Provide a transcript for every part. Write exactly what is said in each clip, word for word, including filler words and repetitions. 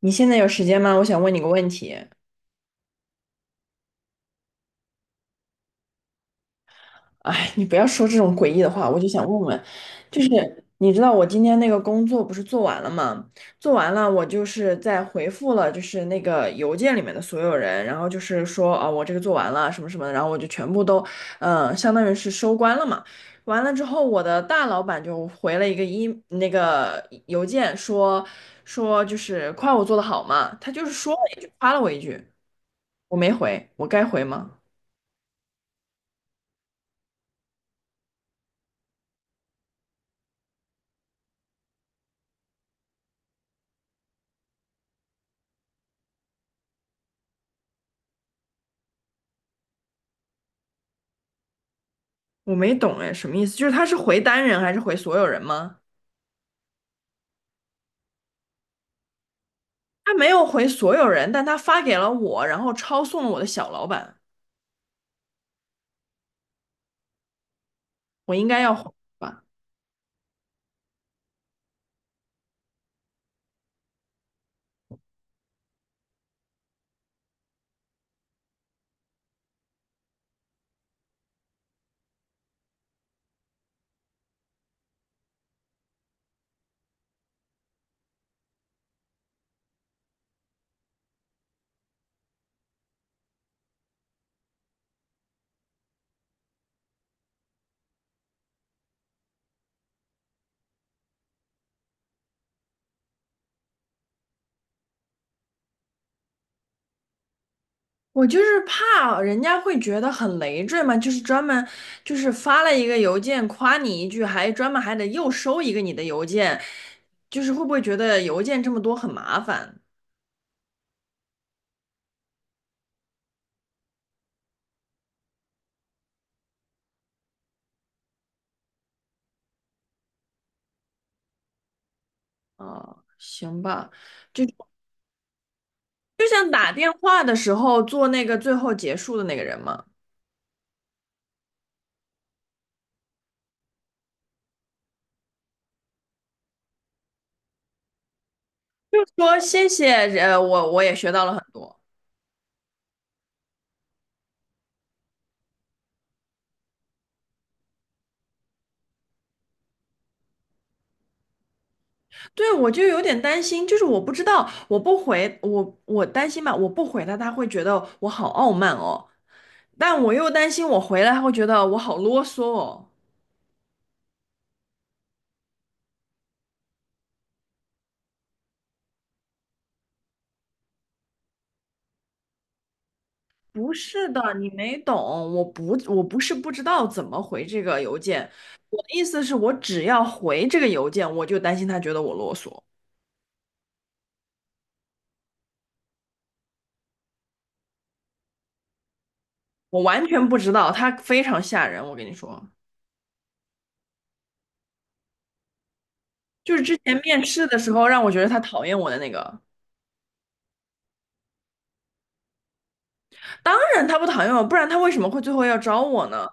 你现在有时间吗？我想问你个问题。哎，你不要说这种诡异的话，我就想问问，就是你知道我今天那个工作不是做完了吗？做完了，我就是在回复了，就是那个邮件里面的所有人，然后就是说啊、我这个做完了什么什么的，然后我就全部都，嗯、相当于是收官了嘛。完了之后，我的大老板就回了一个一那个邮件说说就是夸我做的好嘛，他就是说了一句夸了我一句，我没回，我该回吗？我没懂哎，什么意思？就是他是回单人还是回所有人吗？他没有回所有人，但他发给了我，然后抄送了我的小老板，我应该要回吧？我就是怕人家会觉得很累赘嘛，就是专门就是发了一个邮件夸你一句，还专门还得又收一个你的邮件，就是会不会觉得邮件这么多很麻烦啊？行吧，就就像打电话的时候做那个最后结束的那个人嘛。说谢谢，呃，我我也学到了很多。对，我就有点担心，就是我不知道，我不回，我我担心吧，我不回他，他会觉得我好傲慢哦，但我又担心我回来，他会觉得我好啰嗦哦。不是的，你没懂，我不，我不是不知道怎么回这个邮件，我的意思是我只要回这个邮件，我就担心他觉得我啰嗦，我完全不知道，他非常吓人，我跟你说，就是之前面试的时候让我觉得他讨厌我的那个，当然他不讨厌我，不然他为什么会最后要招我呢？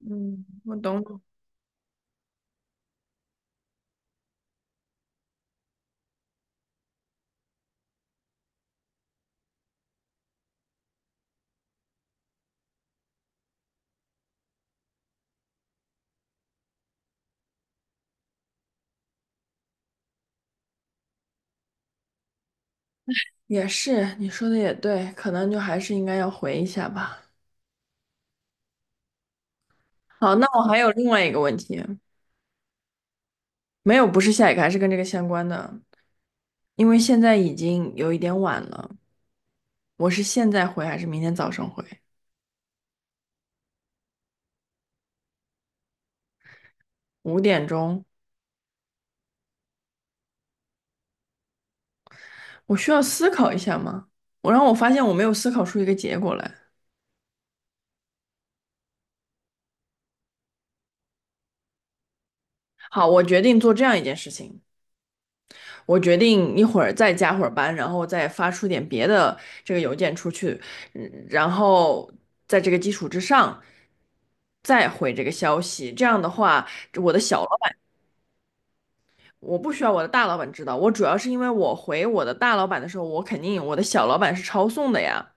嗯，我懂懂，也是，你说的也对，可能就还是应该要回一下吧。好，那我还有另外一个问题，没有，不是下一个，还是跟这个相关的，因为现在已经有一点晚了，我是现在回还是明天早上回？五点钟，我需要思考一下吗？我让我发现我没有思考出一个结果来。好，我决定做这样一件事情，我决定一会儿再加会儿班，然后再发出点别的这个邮件出去，嗯然后在这个基础之上再回这个消息。这样的话，我的小老板我不需要我的大老板知道，我主要是因为我回我的大老板的时候，我肯定我的小老板是抄送的呀。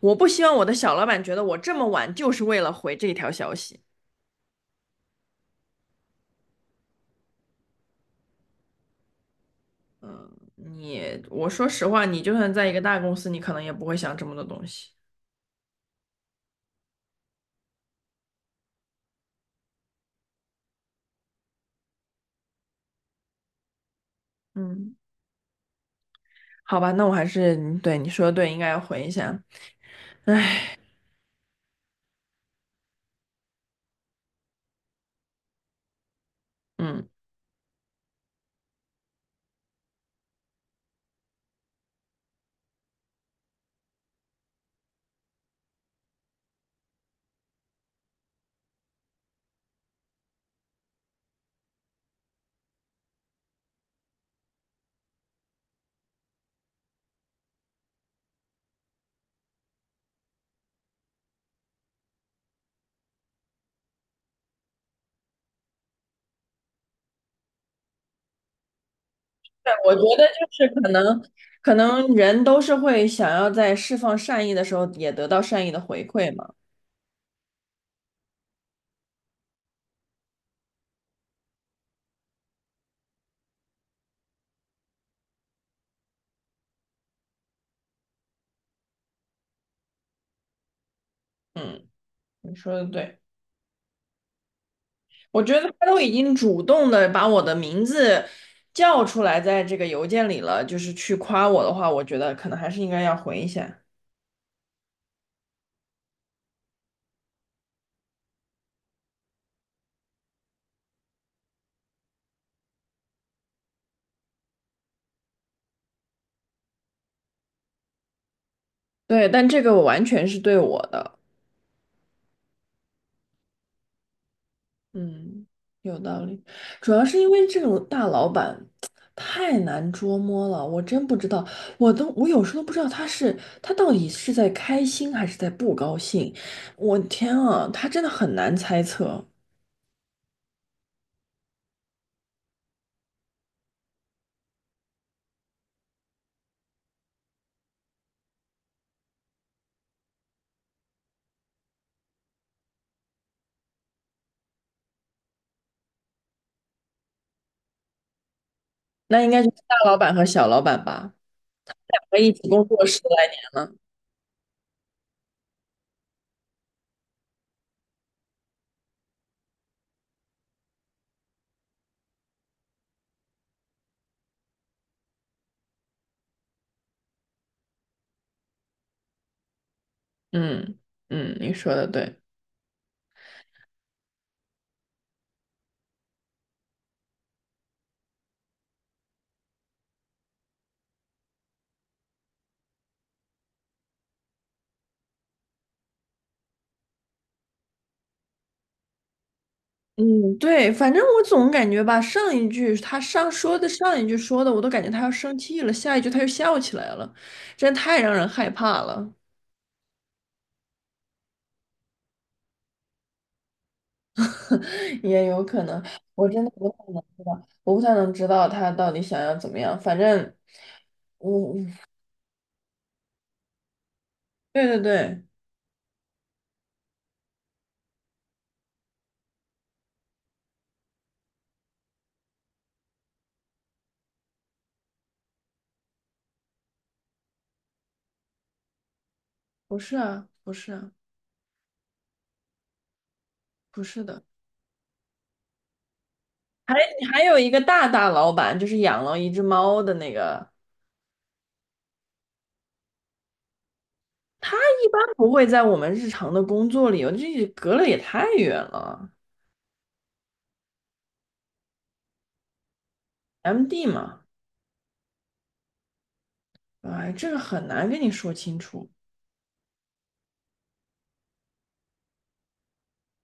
我不希望我的小老板觉得我这么晚就是为了回这一条消息。你，我说实话，你就算在一个大公司，你可能也不会想这么多东西。嗯。好吧，那我还是对你说的对，应该要回一下。嗯，对，我觉得就是可能，可能人都是会想要在释放善意的时候也得到善意的回馈嘛。嗯，你说的对，我觉得他都已经主动的把我的名字叫出来，在这个邮件里了，就是去夸我的话，我觉得可能还是应该要回一下。对，但这个我完全是对我的。嗯，有道理，主要是因为这种大老板太难捉摸了，我真不知道，我都我有时候都不知道他是他到底是在开心还是在不高兴，我天啊，他真的很难猜测。那应该就是大老板和小老板吧，两个一起工作十来年了。嗯嗯，你说的对。嗯，对，反正我总感觉吧，上一句他上说的上一句说的，我都感觉他要生气了，下一句他又笑起来了，真太让人害怕了。也有可能，我真的不太能知道，我不太能知道他到底想要怎么样。反正我，对对对，不是啊，不是啊，不是的。还还有一个大大老板，就是养了一只猫的那个，一般不会在我们日常的工作里有，这隔了也太远了，M D 嘛。哎，这个很难跟你说清楚。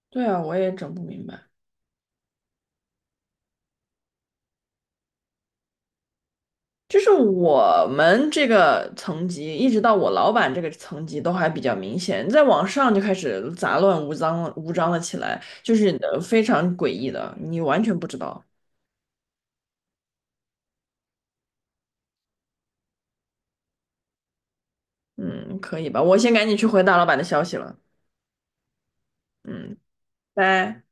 对啊，我也整不明白。就是我们这个层级，一直到我老板这个层级都还比较明显，再往上就开始杂乱无章无章了起来，就是呃非常诡异的，你完全不知道。嗯，可以吧？我先赶紧去回大老板的消息了。嗯，拜。